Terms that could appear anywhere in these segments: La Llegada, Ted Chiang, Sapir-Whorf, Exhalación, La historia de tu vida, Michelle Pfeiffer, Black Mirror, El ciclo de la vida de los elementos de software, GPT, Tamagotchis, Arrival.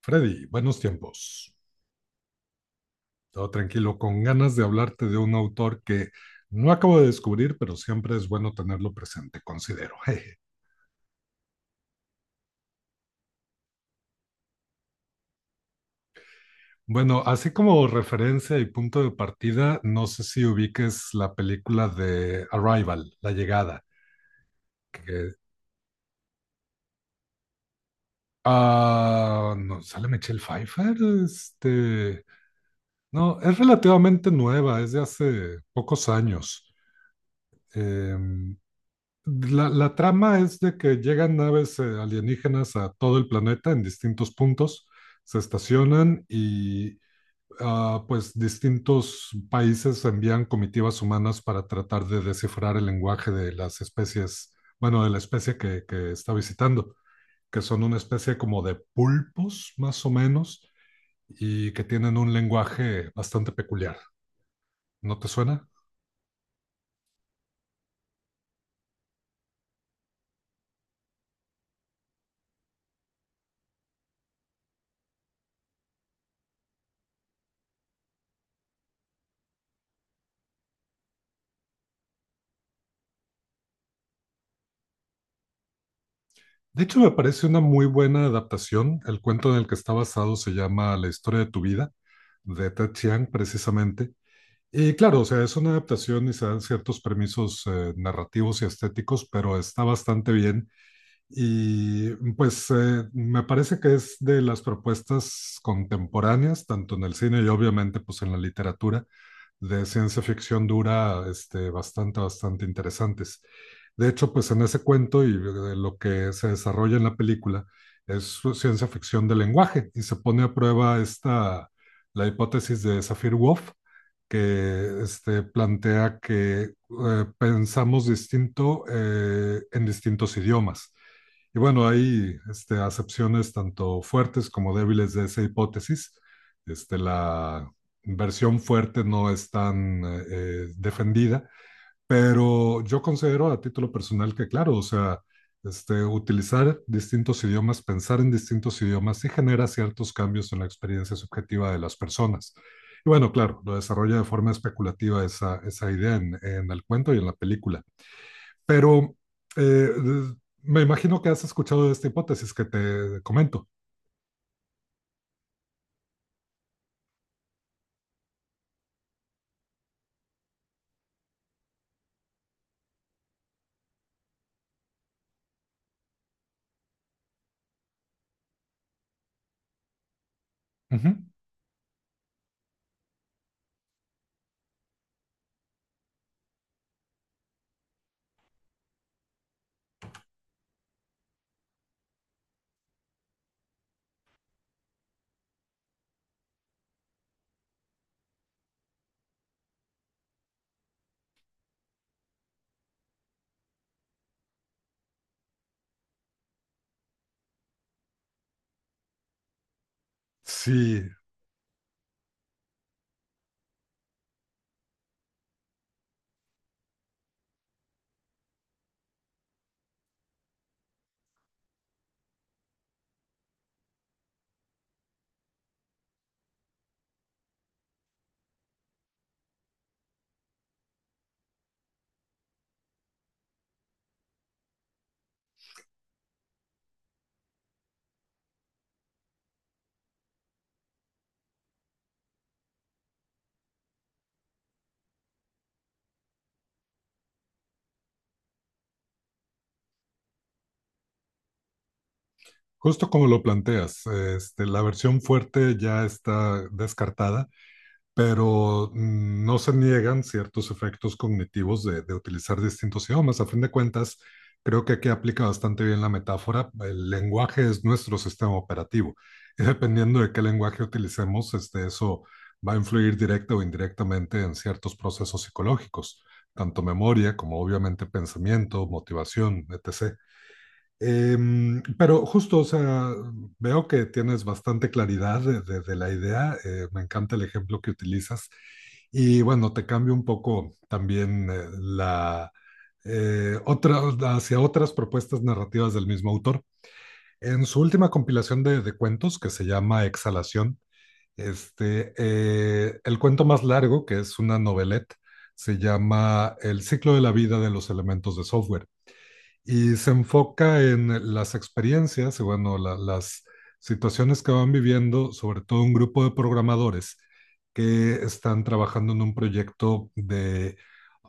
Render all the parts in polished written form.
Freddy, buenos tiempos. Todo tranquilo, con ganas de hablarte de un autor que no acabo de descubrir, pero siempre es bueno tenerlo presente, considero. Jeje. Bueno, así como referencia y punto de partida, no sé si ubiques la película de Arrival, La Llegada, que... Ah, no, ¿sale Michelle Pfeiffer? Este... No, es relativamente nueva, es de hace pocos años. Em, la trama es de que llegan naves alienígenas a todo el planeta en distintos puntos, se estacionan y pues distintos países envían comitivas humanas para tratar de descifrar el lenguaje de las especies, bueno, de la especie que está visitando, que son una especie como de pulpos más o menos y que tienen un lenguaje bastante peculiar. ¿No te suena? De hecho, me parece una muy buena adaptación. El cuento en el que está basado se llama La historia de tu vida, de Ted Chiang, precisamente. Y claro, o sea, es una adaptación y se dan ciertos permisos narrativos y estéticos, pero está bastante bien. Y pues me parece que es de las propuestas contemporáneas, tanto en el cine y obviamente pues en la literatura, de ciencia ficción dura bastante, bastante interesantes. De hecho, pues en ese cuento y de lo que se desarrolla en la película es ciencia ficción del lenguaje y se pone a prueba esta, la hipótesis de Sapir-Whorf, que plantea que pensamos distinto en distintos idiomas. Y bueno, hay acepciones tanto fuertes como débiles de esa hipótesis. La versión fuerte no es tan defendida, pero yo considero a título personal que, claro, o sea, utilizar distintos idiomas, pensar en distintos idiomas sí genera ciertos cambios en la experiencia subjetiva de las personas. Y bueno, claro, lo desarrolla de forma especulativa esa idea el cuento y en la película. Pero eh, me imagino que has escuchado de esta hipótesis que te comento. Uh -huh. Sí. Justo como lo planteas, la versión fuerte ya está descartada, pero no se niegan ciertos efectos cognitivos de utilizar distintos idiomas. A fin de cuentas, creo que aquí aplica bastante bien la metáfora. El lenguaje es nuestro sistema operativo y dependiendo de qué lenguaje utilicemos, eso va a influir directa o indirectamente en ciertos procesos psicológicos, tanto memoria como obviamente pensamiento, motivación, etc. Pero justo, o sea, veo que tienes bastante claridad de la idea. Me encanta el ejemplo que utilizas. Y bueno, te cambio un poco también la otra, hacia otras propuestas narrativas del mismo autor. En su última compilación de cuentos, que se llama Exhalación, el cuento más largo, que es una novelette, se llama El ciclo de la vida de los elementos de software y se enfoca en las experiencias y bueno, las situaciones que van viviendo, sobre todo un grupo de programadores que están trabajando en un proyecto de,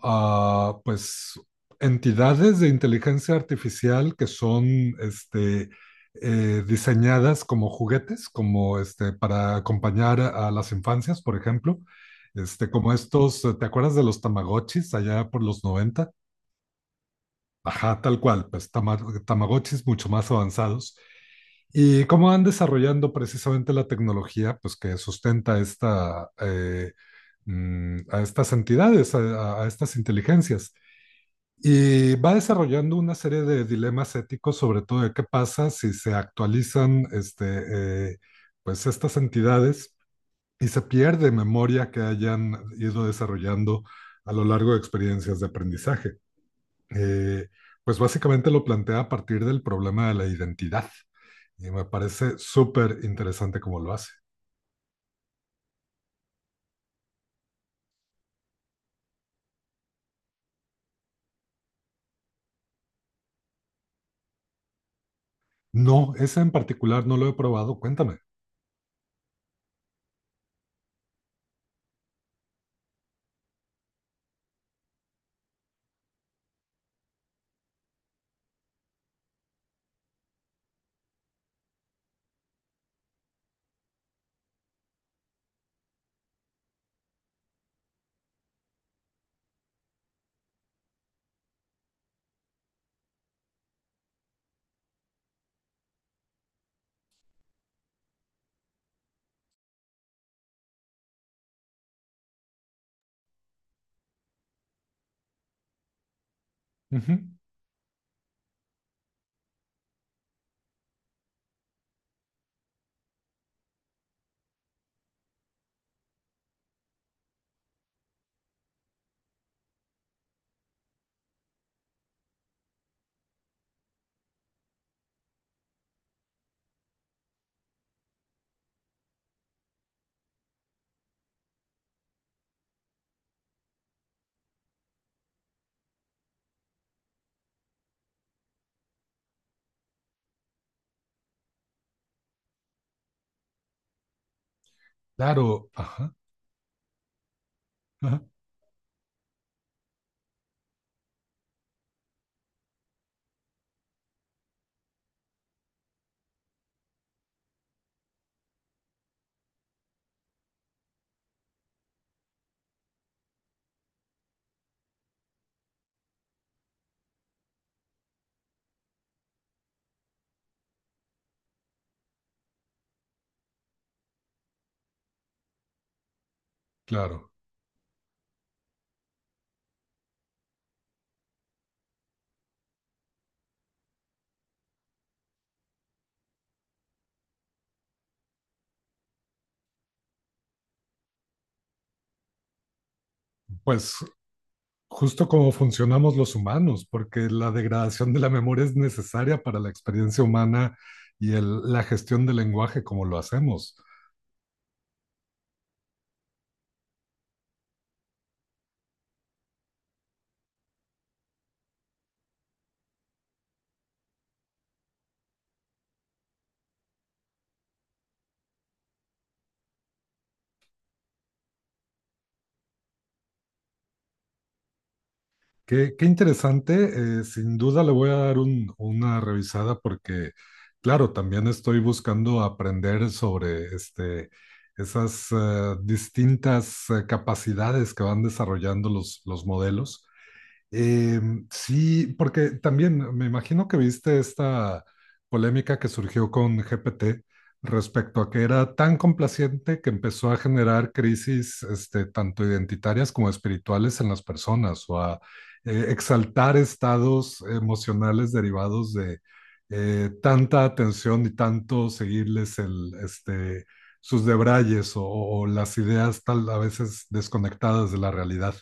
ah, pues, entidades de inteligencia artificial que son, este, diseñadas como juguetes, como, para acompañar a las infancias, por ejemplo. Como estos, ¿te acuerdas de los Tamagotchis allá por los 90? Ajá, tal cual, pues Tamagotchis mucho más avanzados. ¿Y cómo van desarrollando precisamente la tecnología pues, que sustenta a estas entidades, a estas inteligencias? Y va desarrollando una serie de dilemas éticos, sobre todo de qué pasa si se actualizan pues, estas entidades y se pierde memoria que hayan ido desarrollando a lo largo de experiencias de aprendizaje eh, pues básicamente lo plantea a partir del problema de la identidad. Y me parece súper interesante cómo lo hace. No, ese en particular no lo he probado. Cuéntame. Ujú. Claro, ajá, ajá, claro. Pues justo como funcionamos los humanos, porque la degradación de la memoria es necesaria para la experiencia humana y la gestión del lenguaje como lo hacemos. Qué interesante. Sin duda le voy a dar una revisada porque, claro, también estoy buscando aprender sobre esas distintas capacidades que van desarrollando los modelos. Eh, sí, porque también me imagino que viste esta polémica que surgió con GPT respecto a que era tan complaciente que empezó a generar crisis, tanto identitarias como espirituales en las personas o a exaltar estados emocionales derivados de tanta atención y tanto seguirles sus debrayes o las ideas tal a veces desconectadas de la realidad.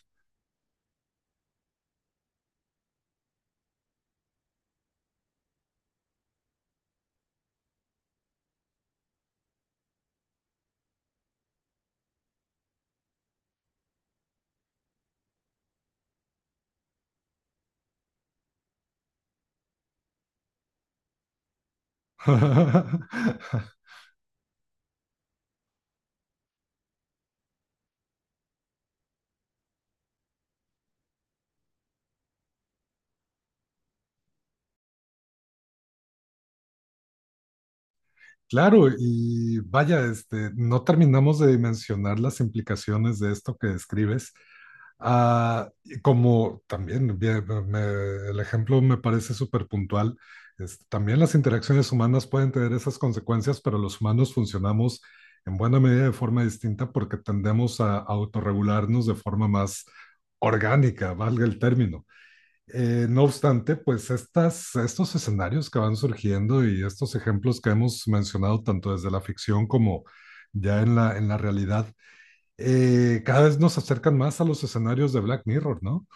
Claro, y vaya, no terminamos de dimensionar las implicaciones de esto que describes. Ah, y como también bien, el ejemplo me parece súper puntual, también las interacciones humanas pueden tener esas consecuencias, pero los humanos funcionamos en buena medida de forma distinta porque tendemos a autorregularnos de forma más orgánica, valga el término. No obstante, pues estos escenarios que van surgiendo y estos ejemplos que hemos mencionado tanto desde la ficción como ya en la realidad, cada vez nos acercan más a los escenarios de Black Mirror, ¿no?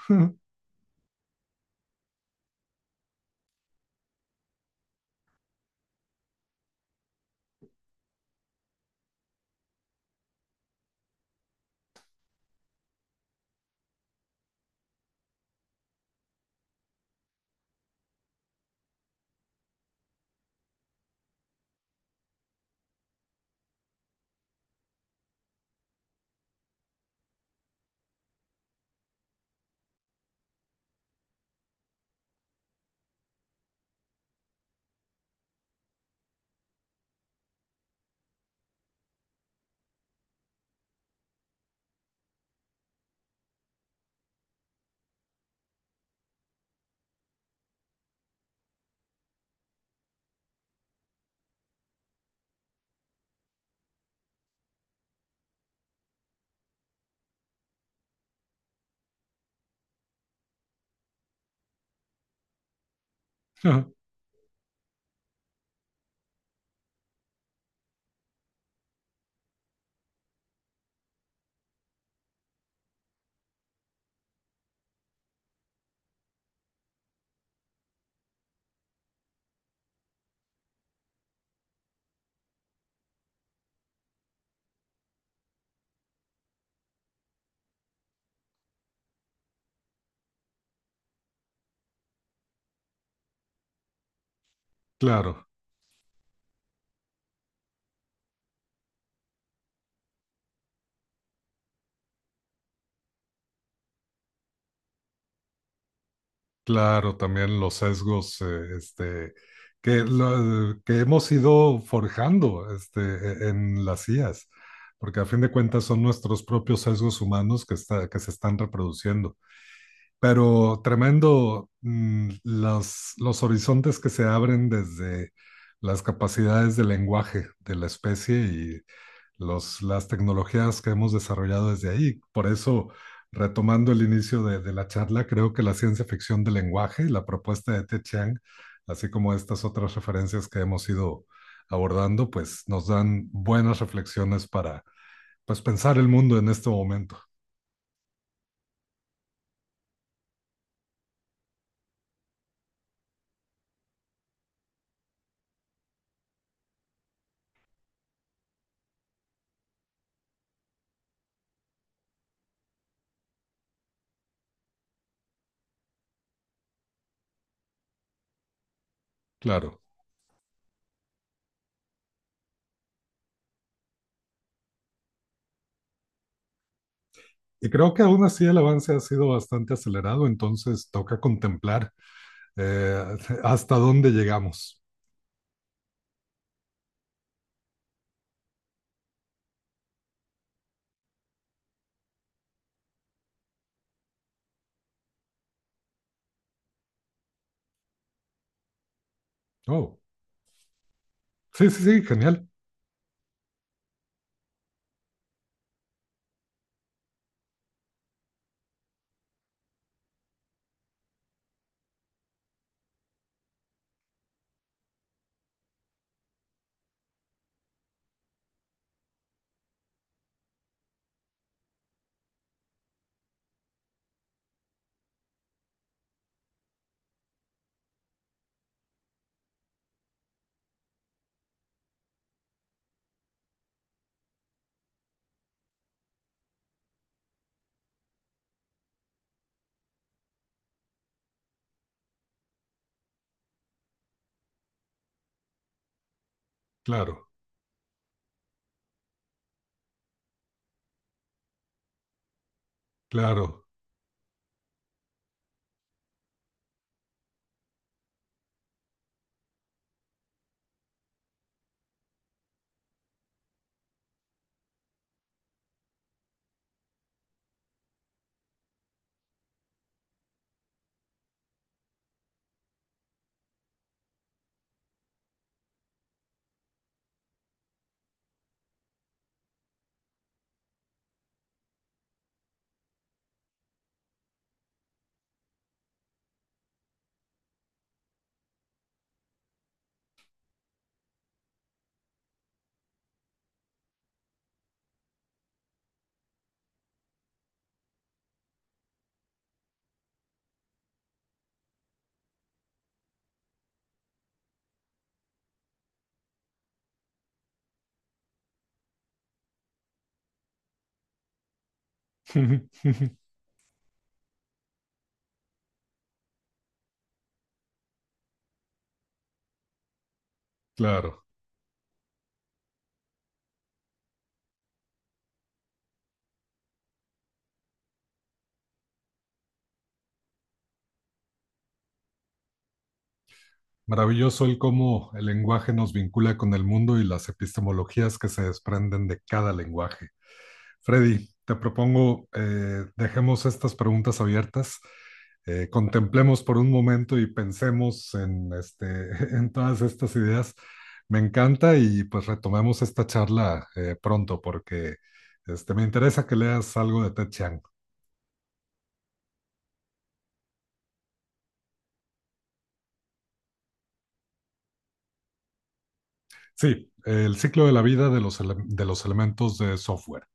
Ajá. Claro, claro, también los sesgos que hemos ido forjando en las IAs, porque a fin de cuentas son nuestros propios sesgos humanos que se están reproduciendo. Pero tremendo los horizontes que se abren desde las capacidades de lenguaje de la especie y las tecnologías que hemos desarrollado desde ahí. Por eso, retomando el inicio de la charla, creo que la ciencia ficción del lenguaje, la propuesta de Te Chiang, así como estas otras referencias que hemos ido abordando, pues nos dan buenas reflexiones para pues, pensar el mundo en este momento. Claro. Y creo que aún así el avance ha sido bastante acelerado, entonces toca contemplar eh, hasta dónde llegamos. Oh, sí, sí, sí, genial. Claro, claro, claro. Maravilloso el cómo el lenguaje nos vincula con el mundo y las epistemologías que se desprenden de cada lenguaje. Freddy, te propongo, dejemos estas preguntas abiertas, contemplemos por un momento y pensemos en todas estas ideas. Me encanta y pues retomemos esta charla pronto porque me interesa que leas algo de Ted Chiang. Sí, el ciclo de la vida de de los elementos de software.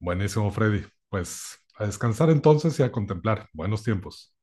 Buenísimo, Freddy. Pues a descansar entonces y a contemplar. Buenos tiempos.